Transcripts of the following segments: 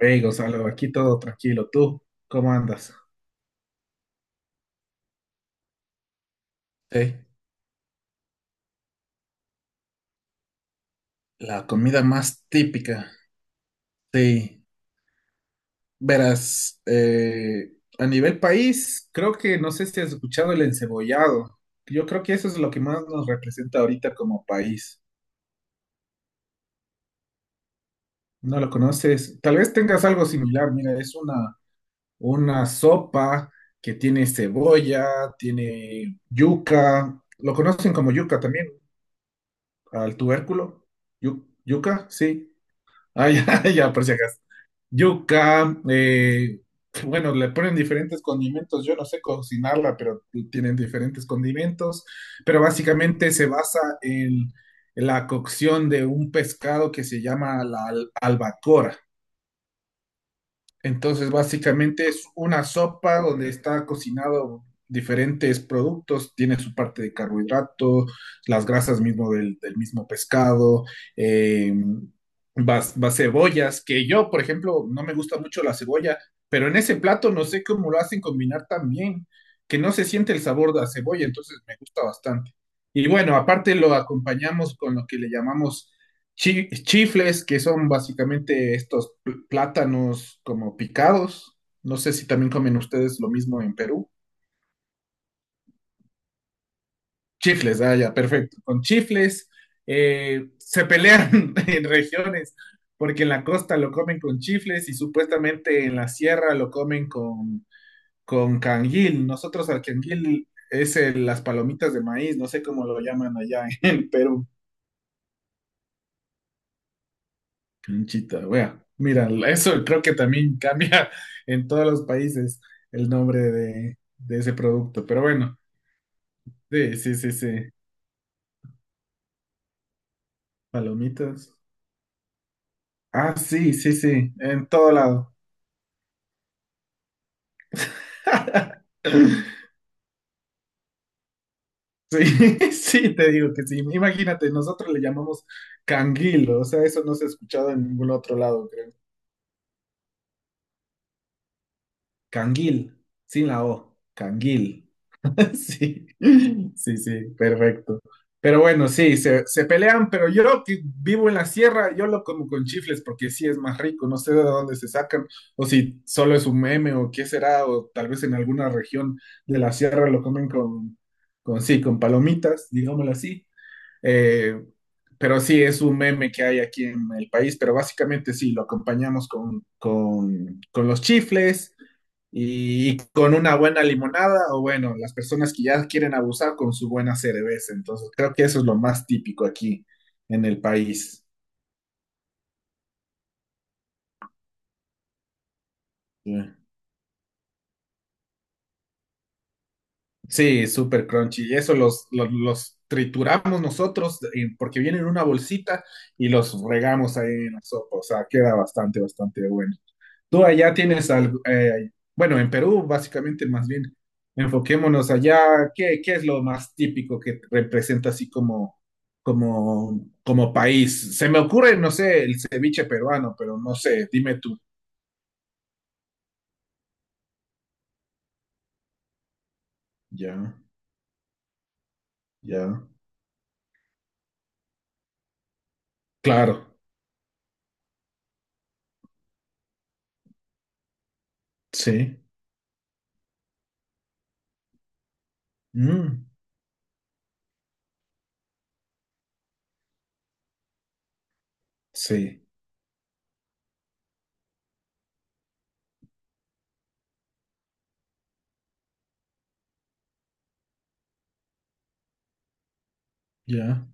Hey Gonzalo, aquí todo tranquilo. ¿Tú cómo andas? Sí, la comida más típica. Sí, verás, a nivel país, creo que no sé si has escuchado el encebollado. Yo creo que eso es lo que más nos representa ahorita como país. ¿No lo conoces? Tal vez tengas algo similar. Mira, es una sopa que tiene cebolla, tiene yuca. Lo conocen como yuca también, al tubérculo. Yuca, sí. Ah, ya, ya, por si acaso. Yuca, bueno, le ponen diferentes condimentos. Yo no sé cocinarla, pero tienen diferentes condimentos. Pero básicamente se basa en la cocción de un pescado que se llama la albacora. Entonces, básicamente es una sopa donde está cocinado diferentes productos, tiene su parte de carbohidrato, las grasas mismo del mismo pescado, eh, vas cebollas, que yo, por ejemplo, no me gusta mucho la cebolla, pero en ese plato no sé cómo lo hacen combinar tan bien, que no se siente el sabor de la cebolla, entonces me gusta bastante. Y bueno, aparte lo acompañamos con lo que le llamamos chifles, que son básicamente estos plátanos como picados. No sé si también comen ustedes lo mismo en Perú. Chifles, ah, ya, perfecto. Con chifles se pelean en regiones, porque en la costa lo comen con chifles y supuestamente en la sierra lo comen con, canguil. Nosotros al canguil es las palomitas de maíz, no sé cómo lo llaman allá en Perú. Canchita, wea. Mira, eso creo que también cambia en todos los países el nombre de ese producto. Pero bueno, sí, sí, sí, sí. Palomitas. Ah, sí, sí, sí. En todo lado. Sí, sí, te digo que sí. Imagínate, nosotros le llamamos canguil, o sea, eso no se ha escuchado en ningún otro lado, creo. Canguil, sin la O, canguil. Sí, sí, sí, perfecto. Pero bueno, sí, se pelean, pero yo que vivo en la sierra, yo lo como con chifles porque sí es más rico, no sé de dónde se sacan, o si solo es un meme o qué será, o tal vez en alguna región de la sierra lo comen con, sí, con palomitas, digámoslo así. Eh, pero sí, es un meme que hay aquí en el país, pero básicamente sí, lo acompañamos con los chifles y con una buena limonada, o bueno, las personas que ya quieren abusar con su buena cerveza. Entonces, creo que eso es lo más típico aquí en el país. Yeah. Sí, súper crunchy. Y eso los trituramos nosotros porque vienen en una bolsita y los regamos ahí en la sopa. O sea, queda bastante, bastante bueno. Tú allá tienes algo, bueno, en Perú básicamente más bien, enfoquémonos allá, ¿qué es lo más típico que representa así como país? Se me ocurre, no sé, el ceviche peruano, pero no sé, dime tú. Ya, ya, claro, sí, mm, sí, ya,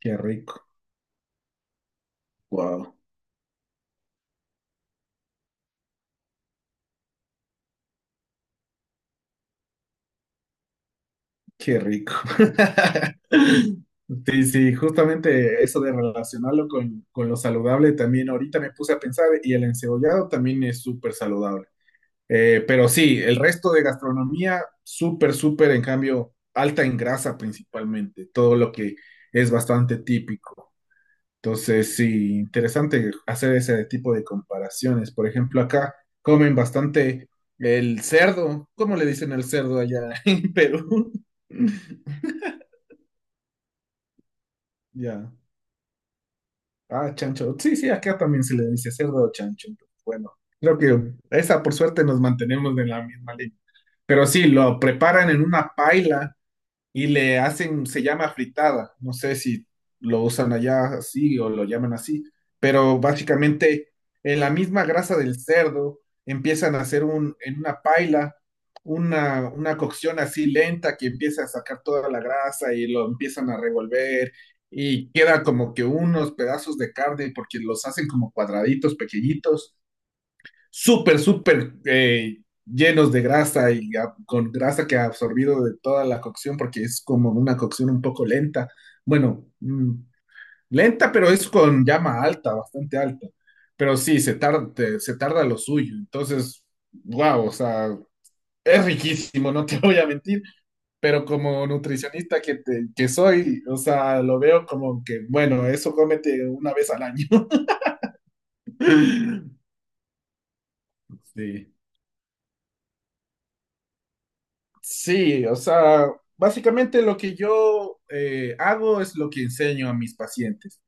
qué rico, wow. Qué rico. Sí, sí, justamente eso de relacionarlo con lo saludable también ahorita me puse a pensar y el encebollado también es súper saludable. Pero sí, el resto de gastronomía, súper, súper, en cambio, alta en grasa principalmente, todo lo que es bastante típico. Entonces, sí, interesante hacer ese tipo de comparaciones. Por ejemplo, acá comen bastante el cerdo. ¿Cómo le dicen al cerdo allá en Perú? Ya. Ah, chancho. Sí, sí, acá también se le dice cerdo o chancho. Bueno, creo que esa por suerte nos mantenemos en la misma línea. Pero sí, lo preparan en una paila y le hacen, se llama fritada, no sé si lo usan allá así o lo llaman así, pero básicamente en la misma grasa del cerdo empiezan a hacer en una paila una cocción así lenta que empieza a sacar toda la grasa y lo empiezan a revolver y queda como que unos pedazos de carne porque los hacen como cuadraditos pequeñitos súper, súper llenos de grasa y con grasa que ha absorbido de toda la cocción, porque es como una cocción un poco lenta. Bueno, lenta, pero es con llama alta, bastante alta. Pero sí, se tarda, se tarda lo suyo. Entonces, wow, o sea, es riquísimo, no te voy a mentir. Pero como nutricionista que soy, o sea, lo veo como que, bueno, eso cómete una vez al año. Sí. Sí, o sea, básicamente lo que yo hago es lo que enseño a mis pacientes,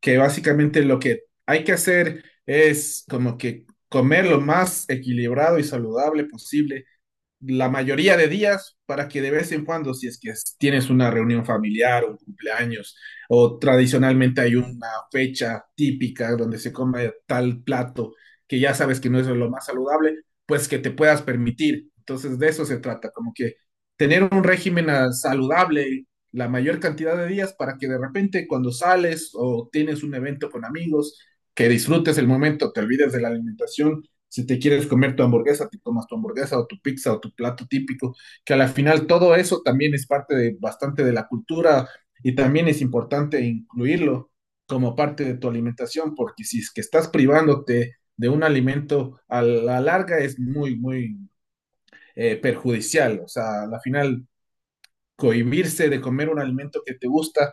que básicamente lo que hay que hacer es como que comer lo más equilibrado y saludable posible la mayoría de días para que de vez en cuando, si es que tienes una reunión familiar, un cumpleaños, o tradicionalmente hay una fecha típica donde se come tal plato que ya sabes que no es lo más saludable, pues que te puedas permitir. Entonces de eso se trata, como que tener un régimen saludable la mayor cantidad de días para que de repente cuando sales o tienes un evento con amigos, que disfrutes el momento, te olvides de la alimentación si te quieres comer tu hamburguesa, te tomas tu hamburguesa o tu pizza o tu plato típico, que a la final todo eso también es parte de bastante de la cultura y también es importante incluirlo como parte de tu alimentación, porque si es que estás privándote de un alimento a la larga es muy, muy perjudicial. O sea, a la final cohibirse de comer un alimento que te gusta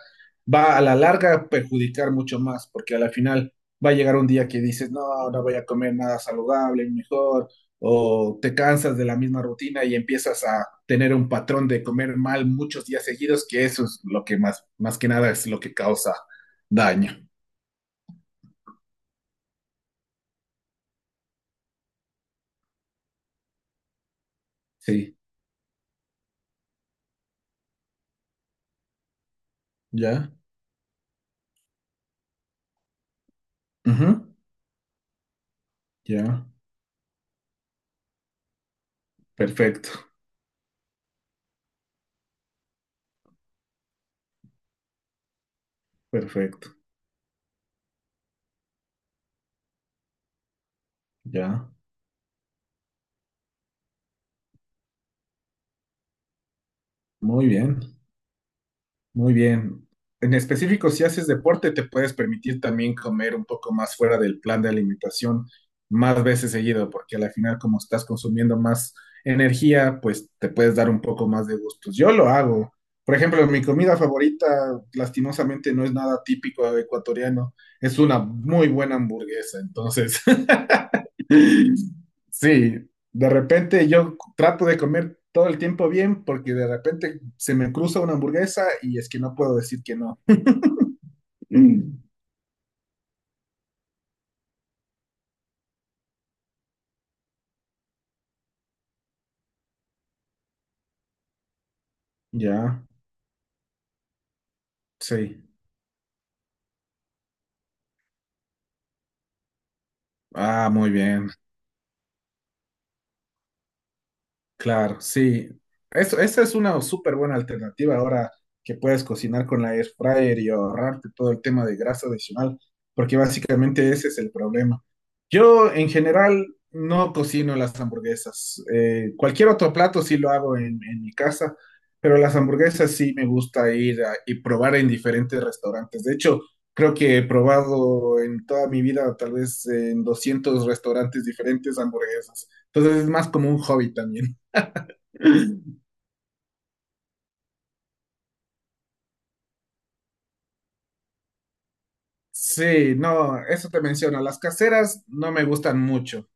va a la larga a perjudicar mucho más, porque a la final va a llegar un día que dices, no, no voy a comer nada saludable, mejor, o te cansas de la misma rutina y empiezas a tener un patrón de comer mal muchos días seguidos, que eso es lo que más, más que nada es lo que causa daño. Sí, ya. Ujú, ya. Perfecto, perfecto. Ya. Muy bien. Muy bien. En específico, si haces deporte, te puedes permitir también comer un poco más fuera del plan de alimentación más veces seguido, porque al final, como estás consumiendo más energía, pues te puedes dar un poco más de gustos. Yo lo hago. Por ejemplo, mi comida favorita, lastimosamente, no es nada típico ecuatoriano. Es una muy buena hamburguesa. Entonces, sí, de repente yo trato de comer todo el tiempo bien porque de repente se me cruza una hamburguesa y es que no puedo decir que no. Mm. Ya, sí. Ah, muy bien. Claro, sí. Eso, esa es una súper buena alternativa ahora que puedes cocinar con la air fryer y ahorrarte todo el tema de grasa adicional, porque básicamente ese es el problema. Yo en general no cocino las hamburguesas. Cualquier otro plato sí lo hago en mi casa, pero las hamburguesas sí me gusta ir y probar en diferentes restaurantes. De hecho, creo que he probado en toda mi vida tal vez en 200 restaurantes diferentes hamburguesas. Entonces es más como un hobby también. Sí, no, eso te menciono. Las caseras no me gustan mucho.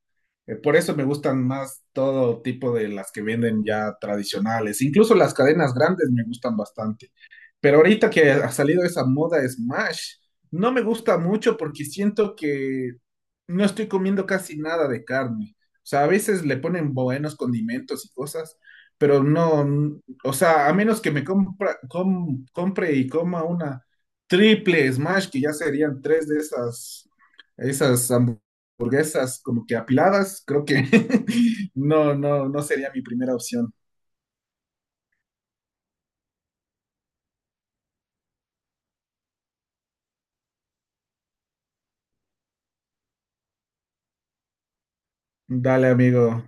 Por eso me gustan más todo tipo de las que venden ya tradicionales. Incluso las cadenas grandes me gustan bastante. Pero ahorita que ha salido esa moda Smash, no me gusta mucho porque siento que no estoy comiendo casi nada de carne. O sea, a veces le ponen buenos condimentos y cosas, pero no, o sea, a menos que me compre y coma una triple Smash, que ya serían tres de esas hamburguesas como que apiladas, creo que no, no, no sería mi primera opción. Dale, amigo.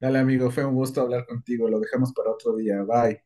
Dale, amigo, fue un gusto hablar contigo. Lo dejamos para otro día. Bye.